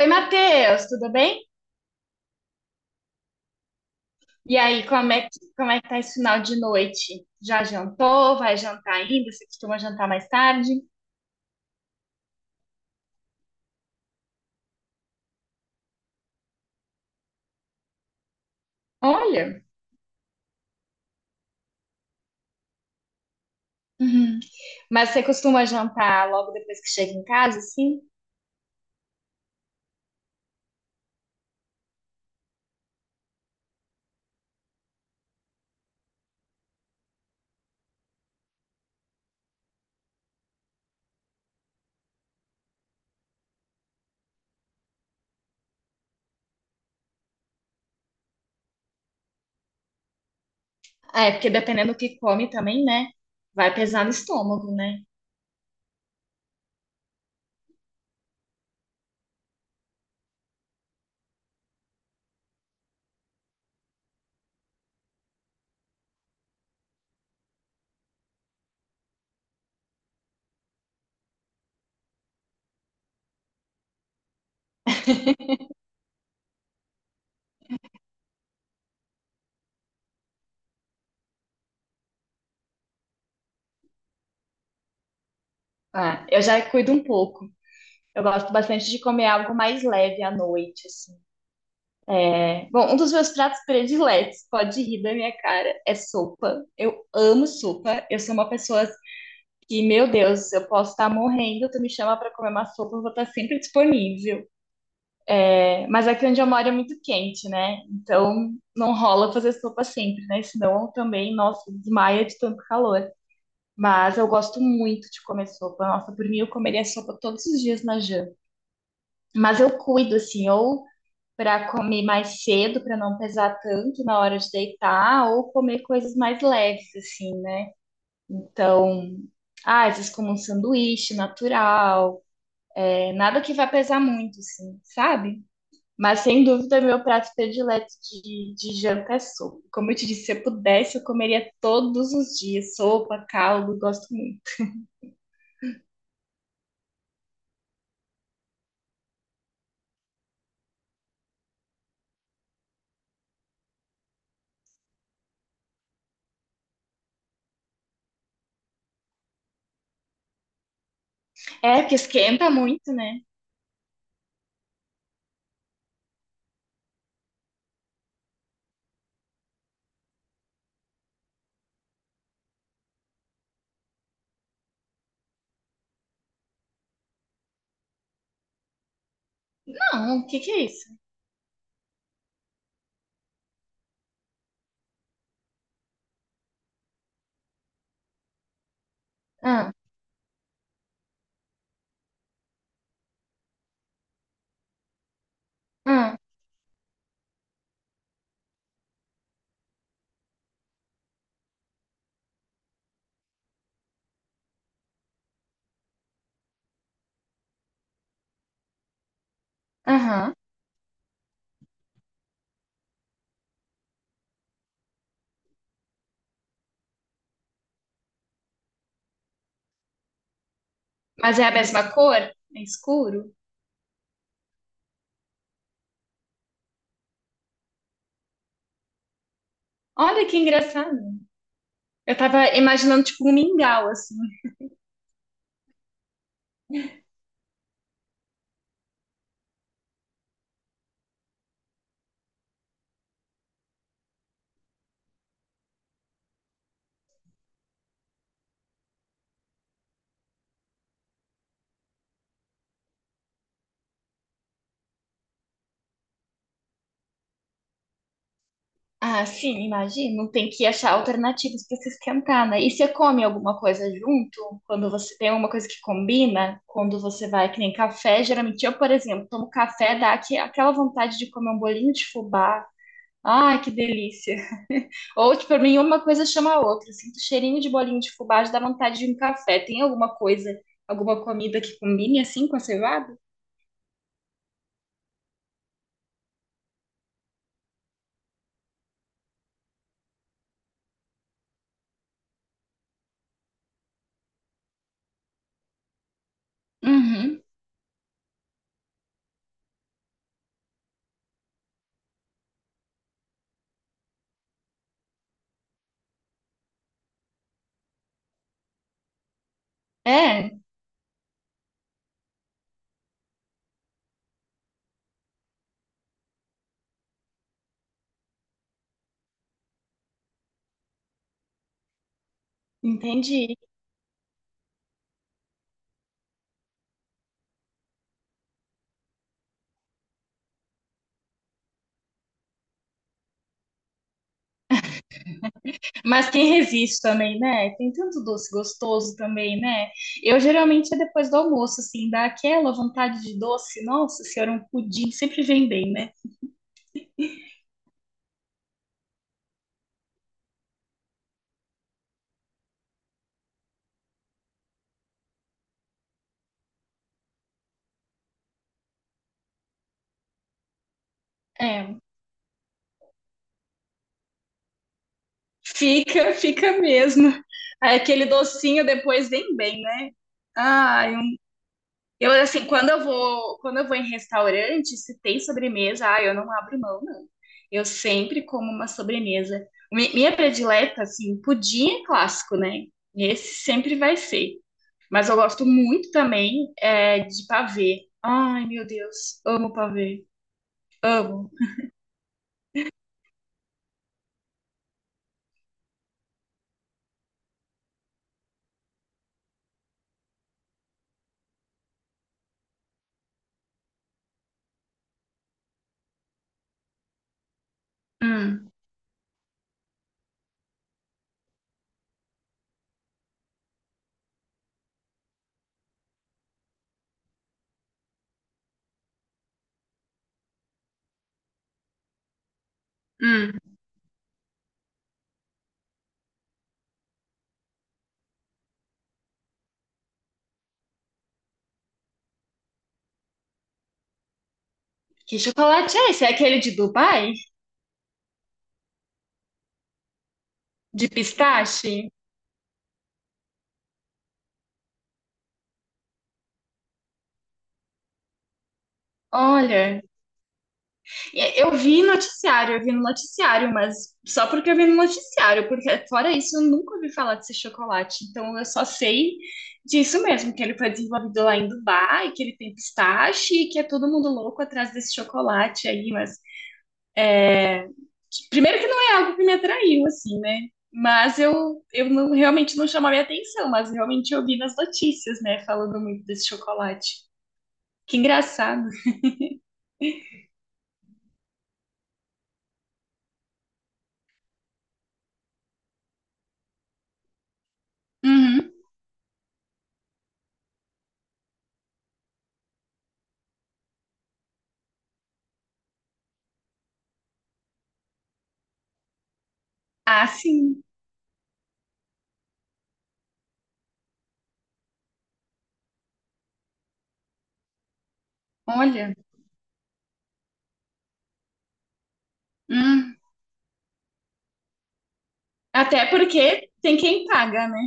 Oi, Matheus, tudo bem? E aí, como é que tá esse final de noite? Já jantou? Vai jantar ainda? Você costuma jantar mais tarde? Olha, uhum. Mas você costuma jantar logo depois que chega em casa, sim? É, porque dependendo do que come também, né? Vai pesar no estômago, né? Ah, eu já cuido um pouco. Eu gosto bastante de comer algo mais leve à noite, assim, né? Bom, um dos meus pratos prediletos, pode rir da minha cara, é sopa. Eu amo sopa. Eu sou uma pessoa... E, meu Deus, eu posso estar morrendo, tu me chama para comer uma sopa, eu vou estar sempre disponível. É, mas aqui onde eu moro é muito quente, né? Então não rola fazer sopa sempre, né? Senão também, nossa, desmaia de tanto calor. Mas eu gosto muito de comer sopa. Nossa, por mim eu comeria sopa todos os dias na janta. Mas eu cuido, assim, ou para comer mais cedo, para não pesar tanto na hora de deitar, ou comer coisas mais leves, assim, né? Então, às vezes como um sanduíche natural. É nada que vai pesar muito, assim, sabe? Mas sem dúvida, meu prato predileto de janta é sopa. Como eu te disse, se eu pudesse, eu comeria todos os dias. Sopa, caldo, gosto muito. É, porque esquenta muito, né? Não, o que que é isso? Ah, ah, aham. Mas é a mesma cor? É escuro? Olha que engraçado. Eu tava imaginando, tipo, um mingau, assim. Ah, sim, imagino. Tem que achar alternativas para se esquentar, né? E você come alguma coisa junto? Quando você tem alguma coisa que combina, quando você vai, que nem café, geralmente eu, por exemplo, tomo café, dá aquela vontade de comer um bolinho de fubá. Ai, que delícia. Ou, tipo, pra mim, uma coisa chama a outra. Eu sinto cheirinho de bolinho de fubá, já dá vontade de um café. Tem alguma coisa, alguma comida que combine assim com a cevada? Uhum. É, entendi. Mas quem resiste também, né? Tem tanto doce gostoso também, né? Eu geralmente é depois do almoço, assim, dá aquela vontade de doce. Nossa senhora, um pudim sempre vem bem, né? É, fica, fica mesmo. Aquele docinho depois vem bem, né? Ai, um- eu assim, quando eu vou em restaurante, se tem sobremesa, ai, eu não abro mão, não. Eu sempre como uma sobremesa. Mi- Minha predileta, assim, pudim é clássico, né? Esse sempre vai ser. Mas eu gosto muito também é, de pavê. Ai, meu Deus, amo pavê. Amo. Hum, hum. Que chocolate é esse? É aquele de Dubai? De pistache? Olha, e- eu vi noticiário, eu vi no noticiário, mas só porque eu vi no noticiário, porque fora isso eu nunca ouvi falar desse chocolate. Então eu só sei disso mesmo, que ele foi desenvolvido lá em Dubai, que ele tem pistache, e que é todo mundo louco atrás desse chocolate aí, mas que- primeiro que não é algo que me atraiu, assim, né? Mas eu não- realmente não chamou a minha atenção, mas realmente eu vi nas notícias, né? Falando muito desse chocolate. Que engraçado. Uhum. Ah, sim. Olha. Hum. Até porque tem quem paga, né?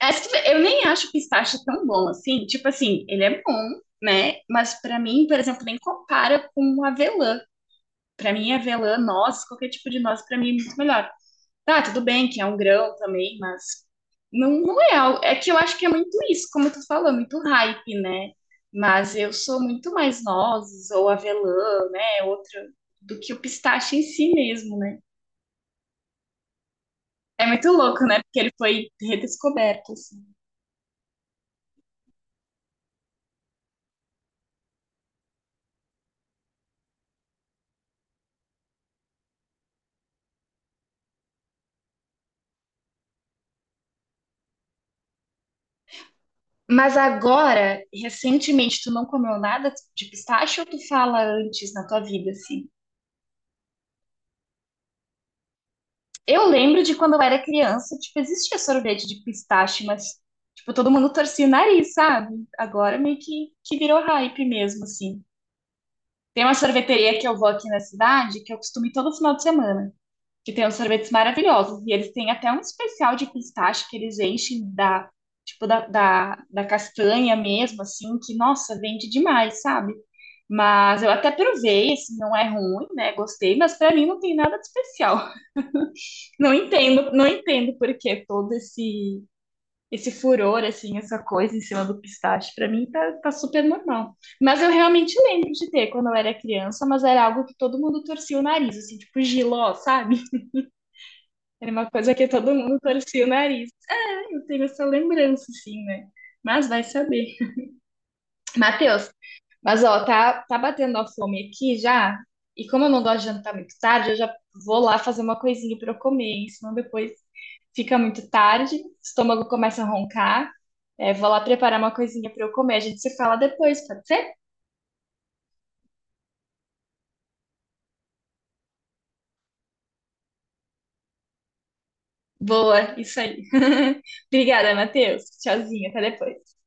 Acho... Eu nem acho o pistache tão bom assim. Tipo assim, ele é bom, né? Mas pra mim, por exemplo, nem compara com avelã. Pra mim, avelã, noz, qualquer tipo de noz, pra mim é muito melhor. Tá, tudo bem que é um grão também, mas não, não é algo. É que eu acho que é muito isso, como tu falou, muito hype, né? Mas eu sou muito mais nozes ou avelã, né? Outra, do que o pistache em si mesmo, né? É muito louco, né? Porque ele foi redescoberto, assim. Mas agora, recentemente, tu não comeu nada de pistache ou tu fala antes na tua vida, assim? Eu lembro de quando eu era criança, tipo, existia sorvete de pistache, mas, tipo, todo mundo torcia o nariz, sabe? Agora meio que, virou hype mesmo, assim. Tem uma sorveteria que eu vou aqui na cidade, que eu costumo ir todo final de semana, que tem uns sorvetes maravilhosos. E eles têm até um especial de pistache que eles enchem da, tipo, da castanha mesmo, assim, que, nossa, vende demais, sabe? Mas eu até provei, assim, não é ruim, né? Gostei, mas pra mim não tem nada de especial. Não entendo, por que todo esse furor, assim, essa coisa em cima do pistache, pra mim tá, tá super normal. Mas eu realmente lembro de ter quando eu era criança, mas era algo que todo mundo torcia o nariz, assim, tipo giló, sabe? Era uma coisa que todo mundo torcia o nariz. Ah, eu tenho essa lembrança, assim, né? Mas vai saber. Matheus, mas, ó, tá, tá batendo a fome aqui já. E como eu não gosto de jantar muito tarde, eu já vou lá fazer uma coisinha pra eu comer, hein? Senão depois fica muito tarde, o estômago começa a roncar. É, vou lá preparar uma coisinha pra eu comer. A gente se fala depois, pode ser? Boa, isso aí. Obrigada, Matheus. Tchauzinho, até depois.